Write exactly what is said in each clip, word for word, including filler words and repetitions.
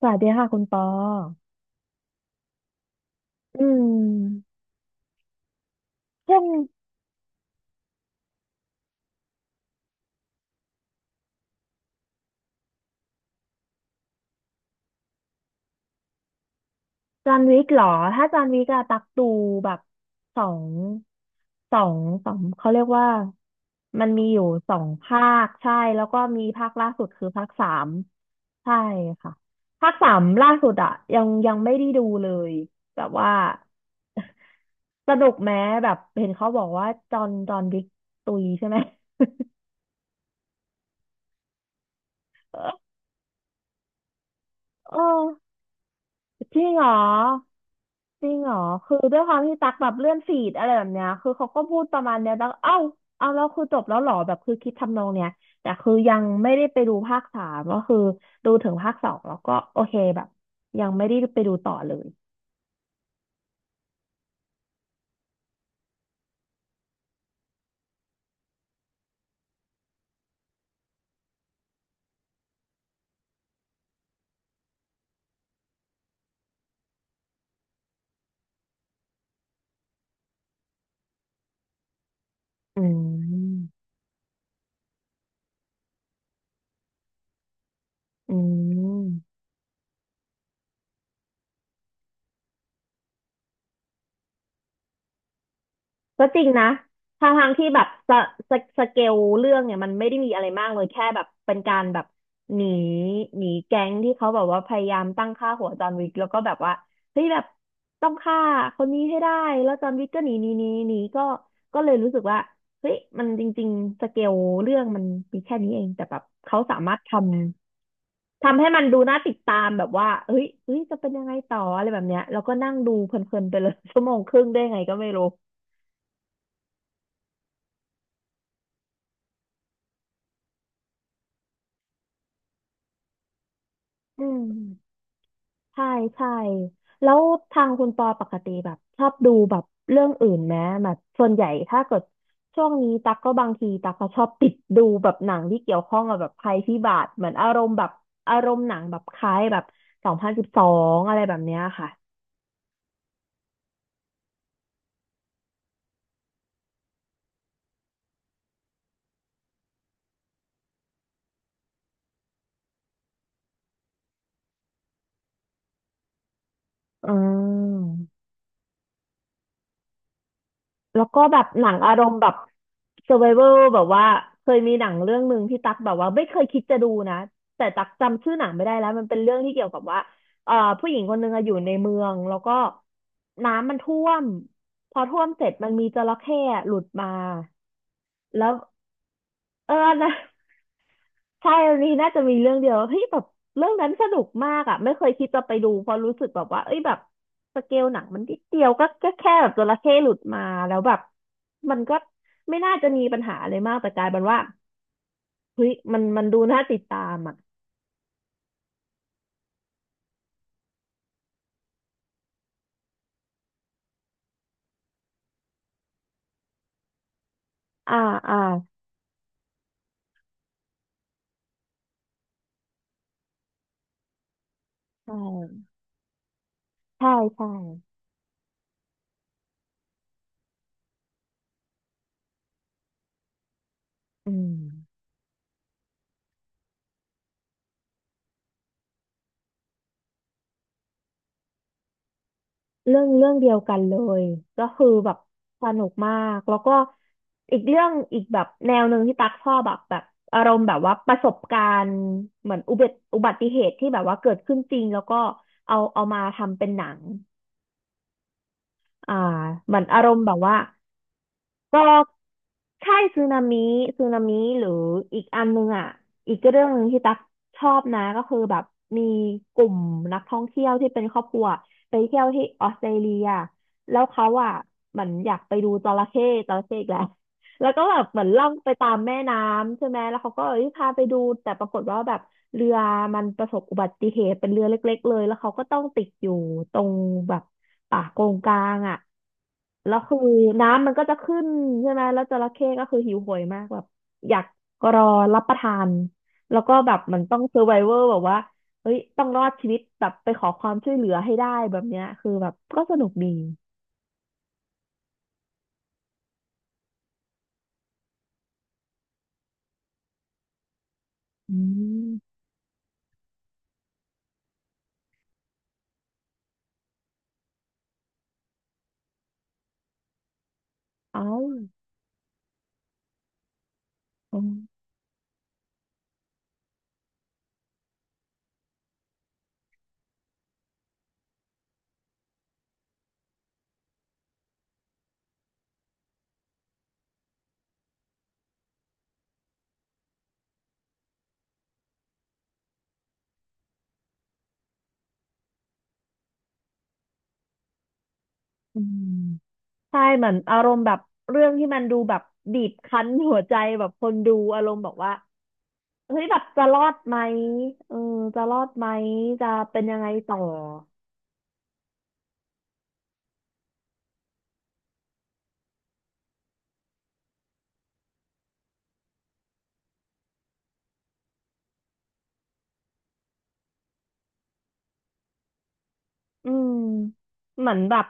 สวัสดีค่ะคุณปออืมเช่วกจันวิกเหรอ ถ้าจันวิกอะตักดูแบบสองสองสองเขาเรียกว่ามันมีอยู่สองภาคใช่แล้วก็มีภาคล่าสุดคือภาคสามใช่ค่ะภาคสามล่าสุดอะยังยังไม่ได้ดูเลยแบบว่าสนุกแม้แบบเห็นเขาบอกว่าจอห์นจอห์นวิกตุยใช่ไหม เออ จริงเหรอจริงเหรอคือด้วยความที่ตักแบบเลื่อนฟีดอะไรแบบเนี้ยคือเขาก็พูดประมาณเนี้ยแล้วเอ้าเอาแล้วคือจบแล้วเหรอแบบคือคิดทำนองเนี้ยแต่คือยังไม่ได้ไปดูภาคสามก็คือดูถึงภาคสองแล้วก็โอเคแบบยังไม่ได้ไปดูต่อเลยอืมอืม ก็จริงนะทางทางที่แบบสสสเกลเรื่องเนี่ยมันไม่ได้มีอะไรมากเลยแค่แบบเป็นการแบบหนีหนีแก๊งที่เขาแบบว่าพยายามตั้งค่าหัวจอห์นวิกแล้วก็แบบว่าเฮ้ยแบบต้องฆ่าคนนี้ให้ได้แล้วจอห์นวิกก็หนีหนีหนีหนีก็ก็เลยรู้สึกว่าเฮ้ยมันจริงๆสเกลเรื่องมันมีแค่นี้เองแต่แบบเขาสามารถทำทำให้มันดูน่าติดตามแบบว่าเฮ้ยเอ้ยจะเป็นยังไงต่ออะไรแบบเนี้ยแล้วก็นั่งดูเพลินๆไปเลย ชั่วโมงครึ่งได้ไงก็ไม่รู้อืม ใช่ใช่แล้วทางคุณปอปกติแบบชอบดูแบบเรื่องอื่นไหมแบบส่วนใหญ่ถ้าเกิดช่วงนี้ตักก็บางทีตักก็ชอบติดดูแบบหนังที่เกี่ยวข้องกับแบบภัยพิบัติเหมือนอารมณ์แบบอารมณ์หนังแบบคล้ายแบบสองพันสิบสองอะไรแบบเนี้ยค่ะอืม แล้วก็แบบหนังอารมณ์แบบ survival แบบว่าเคยมีหนังเรื่องหนึ่งที่ตักแบบว่าไม่เคยคิดจะดูนะแต่ตักจำชื่อหนังไม่ได้แล้วมันเป็นเรื่องที่เกี่ยวกับว่าเอ่อผู้หญิงคนหนึ่งอะอยู่ในเมืองแล้วก็น้ำมันท่วมพอท่วมเสร็จมันมีจระเข้อะหลุดมาแล้วเออนะ ใช่อันนี้น่าจะมีเรื่องเดียวเฮ้ยแบบเรื่องนั้นสนุกมากอ่ะไม่เคยคิดจะไปดูเพราะรู้สึกแบบว่าเอ้ยแบบสเกลหนังมันนิดเดียวก็ก็แค่แบบจระเข้หลุดมาแล้วแบบมันก็ไม่น่าจะมีปัญหาอะไรมากแต่กลายเป็นว่าเฮ้ยมันมันดูน่าติดตามอ่ะอ่าอ่าใช่ ใช่ใช่อืม เรื่องเรื่องเดียวกันเลยก็คือแบบสนุกมากแล้วก็อีกเรื่องอีกแบบแนวหนึ่งที่ตักชอบแบบแบบอารมณ์แบบว่าประสบการณ์เหมือนอุบัติอุบัติเหตุที่แบบว่าเกิดขึ้นจริงแล้วก็เอาเอามาทำเป็นหนังอ่าเหมือนอารมณ์แบบว่า ก็ใช่สึนามิสึนามิหรืออีกอันนึงอ่ะอีกเรื่องหนึ่งที่ตักชอบนะก็คือแบบมีกลุ่มนักท่องเที่ยวที่เป็นครอบครัวไปเที่ยวที่ออสเตรเลียแล้วเขาอ่ะเหมือนอยากไปดูจระเข้จระเข้อีกแล้ว แล้วก็แบบเหมือนล่องไปตามแม่น้ำใช่ไหมแล้วเขาก็เอ้ยพาไปดูแต่ปรากฏว่าแบบเรือมันประสบอุบัติเหตุเป็นเรือเล็กๆเลยแล้วเขาก็ต้องติดอยู่ตรงแบบ ป่าโกงกลางอ่ะแล้วคือน้ำมันก็จะขึ้นใช่ไหมแล้วจระเข้ก็คือหิวโหยมากแบบอยากรอรับประทานแล้วก็แบบมันต้องเซอร์ไ o เวอร์แบบว่าเฮ้ยต้องรอดชีวิตแบบไปขอความช่วยเหลือให้ได้แบบเนี้ยคือแบบก็สนุกดีอืมเอ้าอมอืมใช่เหมือนอารมณ์แบบเรื่องที่มันดูแบบบีบคั้นหัวใจแบบคนดูอารมณ์บอกว่าเฮ้ยแบบจะรอดไหมเออจะรอดไหมจะเป็นยังไงต่อ อืมเหมือนแบบ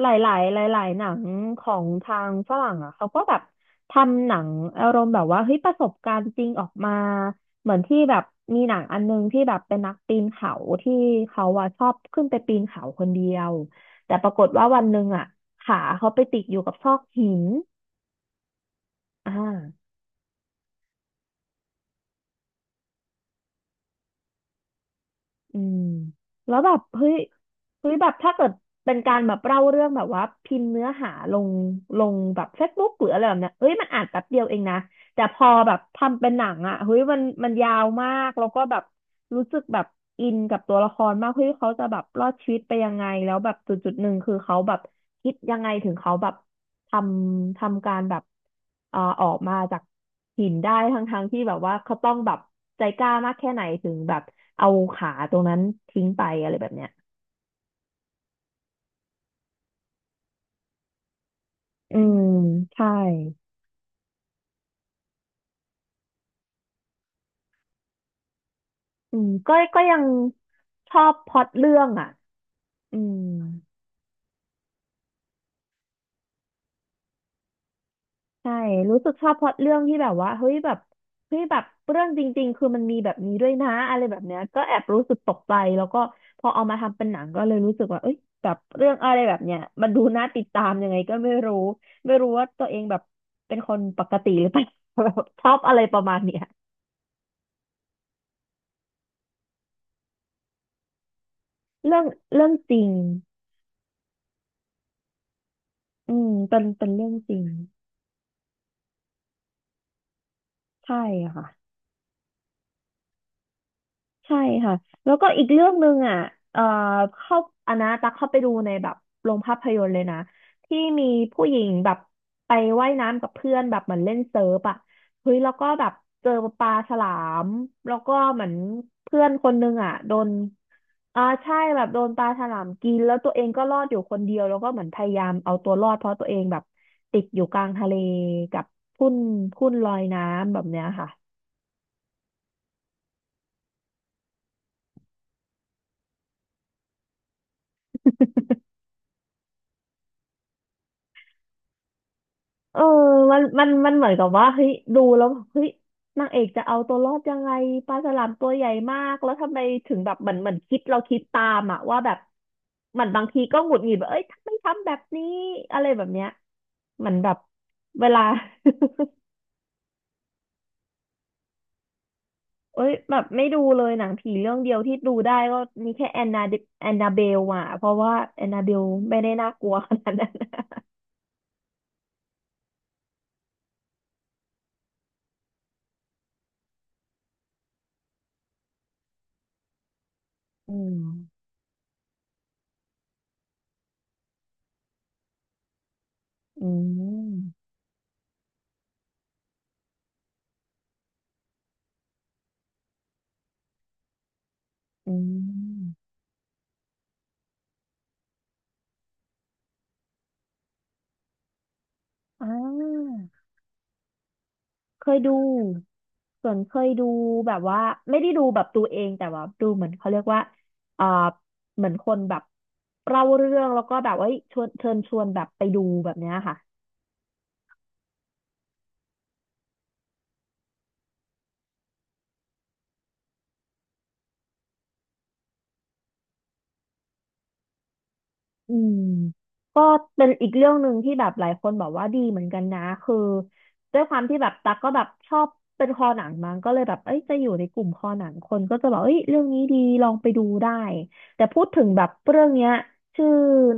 หลายๆหลายๆหนังของทางฝรั่งอ่ะเขาก็แบบทำหนังอารมณ์แบบว่าเฮ้ยประสบการณ์จริงออกมาเหมือนที่แบบมีหนังอันนึงที่แบบเป็นนักปีนเขาที่เขาอ่ะชอบขึ้นไปปีนเขาคนเดียวแต่ปรากฏว่าวันหนึ่งอ่ะขาเขาไปติดอยู่กับซอกหินอ่า อืมแล้วแบบเฮ้ยเฮ้ยแบบถ้าเกิดเป็นการแบบเล่าเรื่องแบบว่าพิมพ์เนื้อหาลงลงแบบเฟซบุ๊กหรืออะไรแบบเนี้ยเฮ้ยมันอ่านแป๊บเดียวเองนะแต่พอแบบทำเป็นหนังอ่ะเฮ้ยมันมันยาวมากแล้วก็แบบรู้สึกแบบอินกับตัวละครมากเฮ้ยเขาจะแบบรอดชีวิตไปยังไงแล้วแบบจุดจุดหนึ่งคือเขาแบบคิดยังไงถึงเขาแบบ ทำทำการแบบเอ่อออกมาจากหินได้ทั้งทั้งที่แบบว่าเขาต้องแบบใจกล้ามากแค่ไหนถึงแบบเอาขาตรงนั้นทิ้งไปอะไรแบบเนี้ยอืมใช่อืมก็ก็ยังชอบพล็อตเรื่องอ่ะอืม ใช่รู้สึกชอบพล็อตเรื่องที่แบบว่าเฮ้ยแบบเฮ้ยแบบเรื่องจริงๆ คือมันมีแบบนี้ด้วยนะอะไรแบบเนี้ยก็แอบรู้สึกตกใจแล้วก็พอเอามาทำเป็นหนังก็เลยรู้สึกว่าเอ้ยแบบเรื่องอะไรแบบเนี้ยมันดูน่าติดตามยังไงก็ไม่รู้ ไม่รู้ว่าตัวเองแบบเป็นคนปกติหรือเปล่า แบบชอบอะไรประมาณเนี้ยเรื่องเรื่องจริงอืมเป็นเป็นเรื่องจริง ใช่ค่ะ ใช่ค่ะแล้วก็อีกเรื่องหนึ่งอ่ะเอ่อเข้าอันนะตักเข้าไปดูในแบบโรงภาพยนตร์เลยนะที่มีผู้หญิงแบบไปว่ายน้ำกับเพื่อนแบบเหมือนเล่นเซิร์ฟอ่ะเฮ้ยแล้วก็แบบเจอปลาฉลามแล้วก็เหมือนเพื่อนคนนึงอ่ะโดนอ่าใช่แบบโดนปลาฉลามกินแล้วตัวเองก็รอดอยู่คนเดียวแล้วก็เหมือนพยายามเอาตัวรอดเพราะตัวเองแบบติดอยู่กลางทะเลกับทุ่นทุ่นลอยน้ำแบบเนี้ยค่ะ เออมันมันมันเหมือนกับว่าเฮ้ยดูแล้วแบบเฮ้ยนางเอกจะเอาตัวรอดยังไงปลาฉลามตัวใหญ่มากแล้วทำไมถึงแบบเหมือนเหมือนคิดเราคิดตามอะว่าแบบเหมือนบางทีก็หงุดหงิดแบบเอ้ยทำไมทำแบบนี้อะไรแบบเนี้ยเหมือนแบบเวลา เอ้ยแบบไม่ดูเลยหนังผีเรื่องเดียวที่ดูได้ก็มีแค่แอนนาแอนนาเบลอ่ะเพราะว่าแอนนาเบลไม่ได้น่ากลัวขนาดนั้นอืมอืมอืมอ่า เคยดู ส่วนเคยดูแบบว่าไม่ได้ดูแบบตัวเองแต่ว่าดูเหมือนเขาเรียกว่าเอ่อเหมือนคนแบบเล่าเรื่องแล้วก็แบบว่าเอ้ยชวนเชิญชวนแบบไปดูแบบเนี้ยค่ะอืม เป็นอีกเรื่องหนึ่งที่แบบหลายคนบอกว่าดีเหมือนกันนะคือด้วยความที่แบบตักก็แบบชอบเป็นคอหนังมั้งก็เลยแบบเอ้ยจะอยู่ในกลุ่มคอหนังคนก็จะบอกเอ้ยเรื่องนี้ดีลองไปดูได้แต่พูดถึงแบบเรื่องเนี้ยชื่อ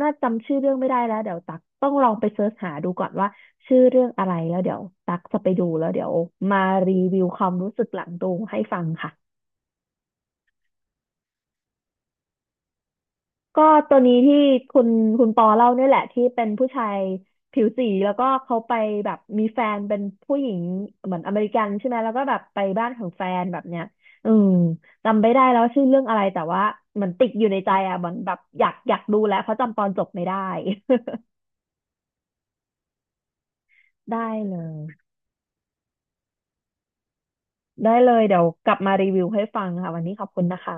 น่าจำชื่อเรื่องไม่ได้แล้วเดี๋ยวตักต้องลองไปเสิร์ชหาดูก่อนว่าชื่อเรื่องอะไรแล้วเดี๋ยวตักจะไปดูแล้วเดี๋ยวมารีวิวความรู้สึกหลังดูให้ฟังค่ะ ก็ตัวนี้ที่คุณคุณปอเล่าเนี่ยแหละที่เป็นผู้ชายผิวสีแล้วก็เขาไปแบบมีแฟนเป็นผู้หญิงเหมือนอเมริกันใช่ไหมแล้วก็แบบไปบ้านของแฟนแบบเนี้ยอืมจำไม่ได้แล้วว่าชื่อเรื่องอะไรแต่ว่าเหมือนติดอยู่ในใจอ่ะเหมือนแบบอยากอยากดูแล้วเพราะจำตอนจบไม่ได้ ได้เลยได้เลยเดี๋ยวกลับมารีวิวให้ฟังค่ะวันนี้ขอบคุณนะคะ